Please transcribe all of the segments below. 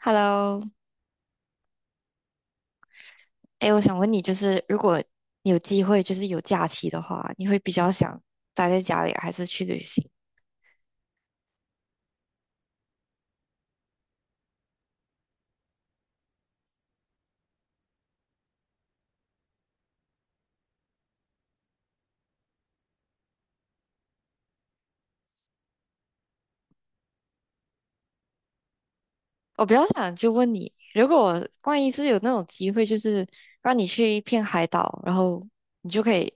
Hello，哎，我想问你，就是如果你有机会，就是有假期的话，你会比较想待在家里，还是去旅行？我比较想就问你，如果万一是有那种机会，就是让你去一片海岛，然后你就可以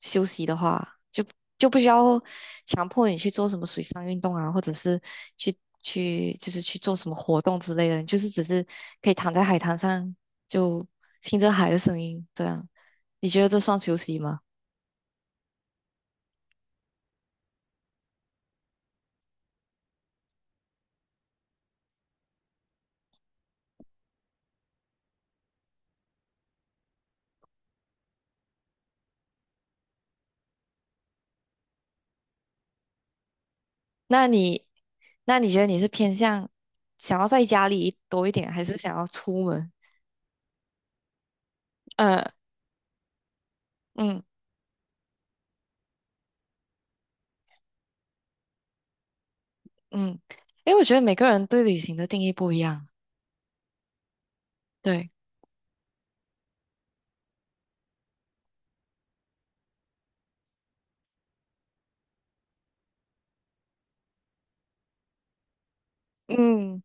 休息的话，就不需要强迫你去做什么水上运动啊，或者是去就是去做什么活动之类的，你就是只是可以躺在海滩上，就听着海的声音，这样，你觉得这算休息吗？那你，那你觉得你是偏向想要在家里多一点，还是想要出门？呃，嗯嗯。因为我觉得每个人对旅行的定义不一样。对。嗯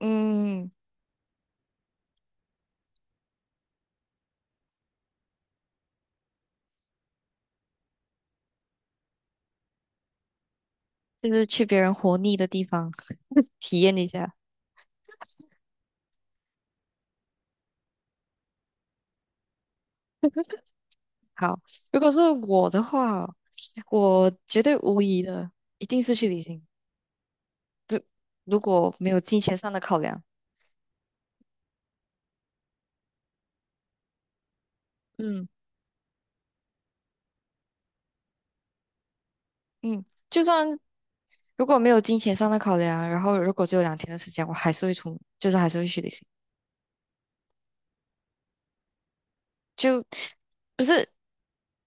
嗯。就是去别人活腻的地方 体验一下。好，如果是我的话，我绝对无疑的，一定是去旅行。就如果没有金钱上的考量，嗯嗯，就算如果没有金钱上的考量，然后如果只有两天的时间，我还是会出门就是还是会去旅行。就不是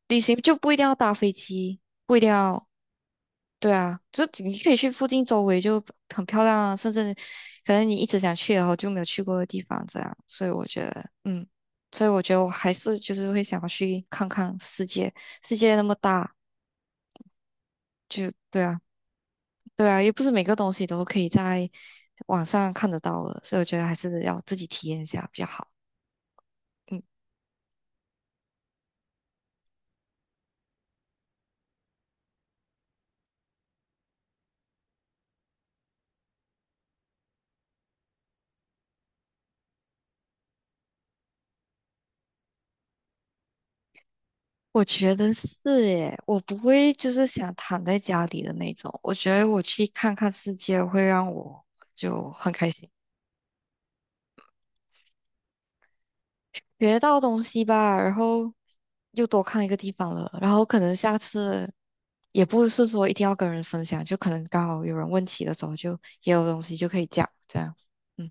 旅行就不一定要搭飞机，不一定要，对啊，就你可以去附近周围就很漂亮啊，甚至可能你一直想去然后就没有去过的地方这样。所以我觉得我还是就是会想要去看看世界，世界那么大，就对啊，对啊，又不是每个东西都可以在网上看得到的，所以我觉得还是要自己体验一下比较好。嗯，我觉得是耶，我不会就是想躺在家里的那种。我觉得我去看看世界会让我就很开心，学到东西吧，然后又多看一个地方了，然后可能下次也不是说一定要跟人分享，就可能刚好有人问起的时候就也有东西就可以讲，这样，嗯，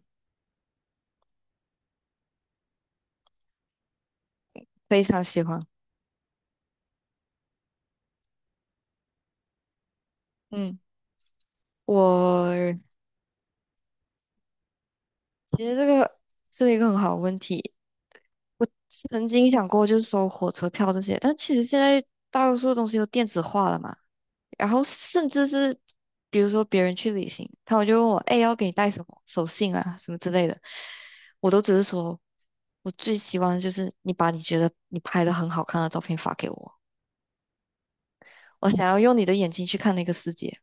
非常喜欢。嗯，我其实这个是一个很好的问题。我曾经想过就是收火车票这些，但其实现在大多数东西都电子化了嘛。然后甚至是比如说别人去旅行，他们就问我，哎，要给你带什么手信啊，什么之类的，我都只是说，我最希望就是你把你觉得你拍的很好看的照片发给我，我想要用你的眼睛去看那个世界。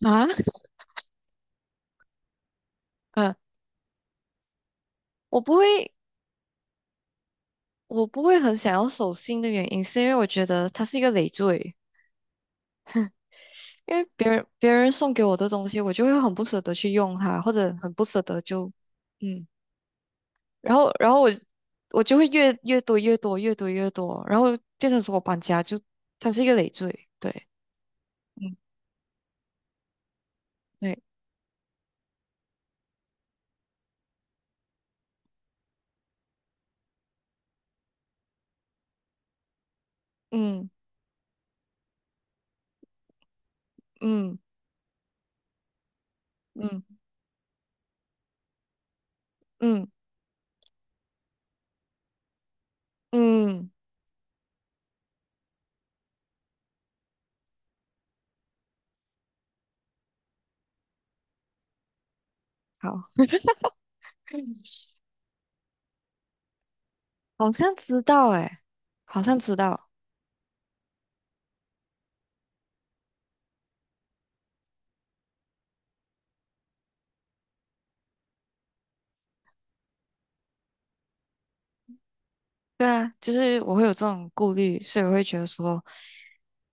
啊？嗯，我不会，我不会很想要手信的原因，是因为我觉得它是一个累赘。因为别人送给我的东西，我就会很不舍得去用它，或者很不舍得就，嗯，然后然后我就会越多越多越多越多，然后变成说我搬家就它是一个累赘，对，嗯，对，嗯嗯嗯嗯嗯，嗯好，好像知道诶，好像知道。对啊，就是我会有这种顾虑，所以我会觉得说，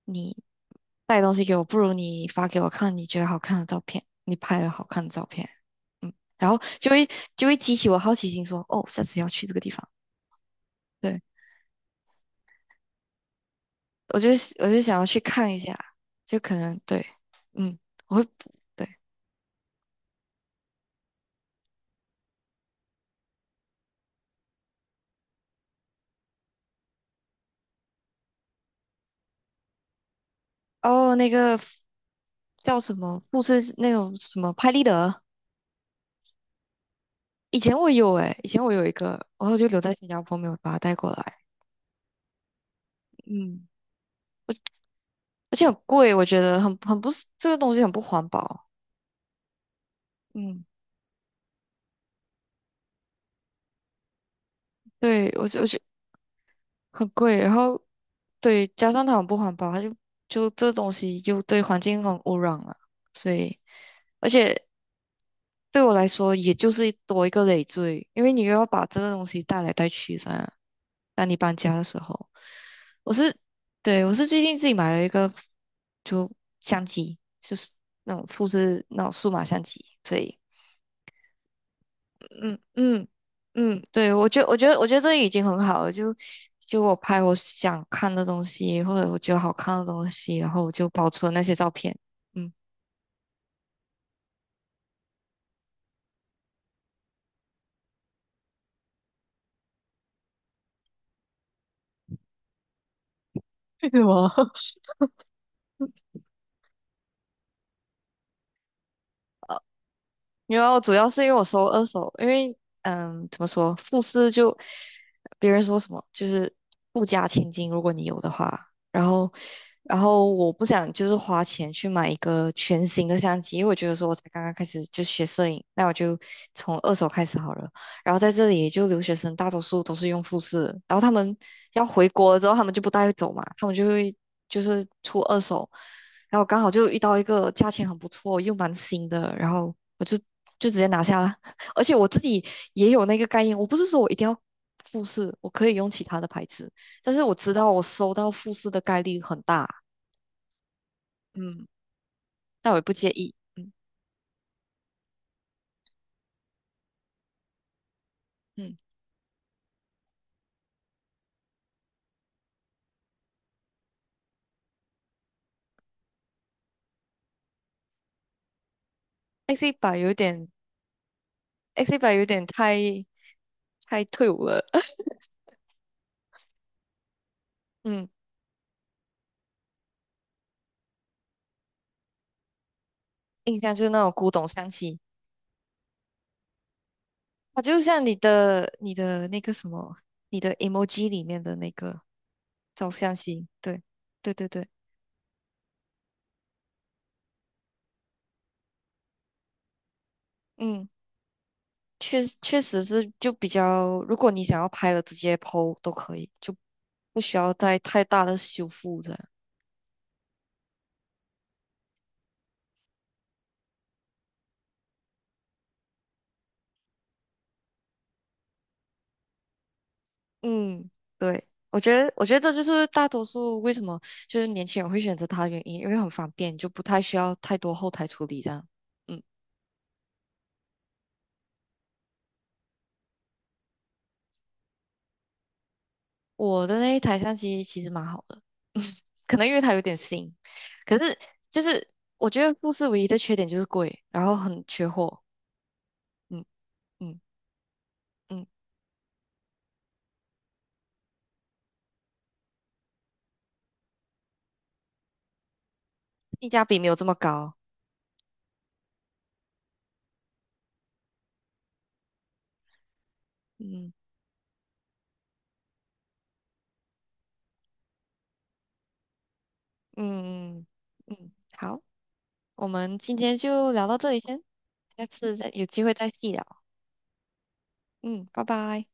你带东西给我，不如你发给我看你觉得好看的照片，你拍了好看的照片，嗯，然后就会激起我好奇心说，哦，下次要去这个地方，对，我就我就想要去看一下，就可能对，嗯，我会对，哦，那个叫什么富士那种什么拍立得，以前我有一个，然后就留在新加坡没有把它带过来，嗯而且很贵，我觉得很很不是这个东西很不环保。嗯，对，我觉得很贵，然后对，加上它很不环保，它就就这东西又对环境很污染了，所以而且对我来说，也就是多一个累赘，因为你又要把这个东西带来带去噻。当你搬家的时候，我是对，我是最近自己买了一个就相机，就是那种复制那种数码相机，所以。嗯嗯嗯，对，我觉得这已经很好了，就就我拍我想看的东西，或者我觉得好看的东西，然后我就保存那些照片。嗯，为什么？因为主要是因为我收二手，因为怎么说，富士就别人说什么就是富家千金，如果你有的话，然后然后我不想就是花钱去买一个全新的相机，因为我觉得说我才刚刚开始就学摄影，那我就从二手开始好了。然后在这里就留学生大多数都是用富士，然后他们要回国之后，他们就不带走嘛，他们就会就是出二手。然后刚好就遇到一个价钱很不错又蛮新的，然后我就直接拿下了。而且我自己也有那个概念，我不是说我一定要富士，我可以用其他的牌子，但是我知道我收到富士的概率很大，嗯，那我也不介意，嗯嗯，X 一百有点 X 一百有点太退伍了，嗯，印象就是那种古董香气，它就像你的那个什么，你的 emoji 里面的那个照相机，对对对对。嗯，确确实是就比较，如果你想要拍了直接 PO 都可以，就不需要再太大的修复这样。嗯，对，我觉得这就是大多数为什么就是年轻人会选择它的原因，因为很方便，就不太需要太多后台处理这样。嗯，我的那一台相机其实蛮好的，可能因为它有点新，可是就是我觉得富士唯一的缺点就是贵，然后很缺货。嗯嗯嗯，性价比没有这么高。嗯。嗯嗯，好，我们今天就聊到这里先，下次再有机会再细聊。嗯，拜拜。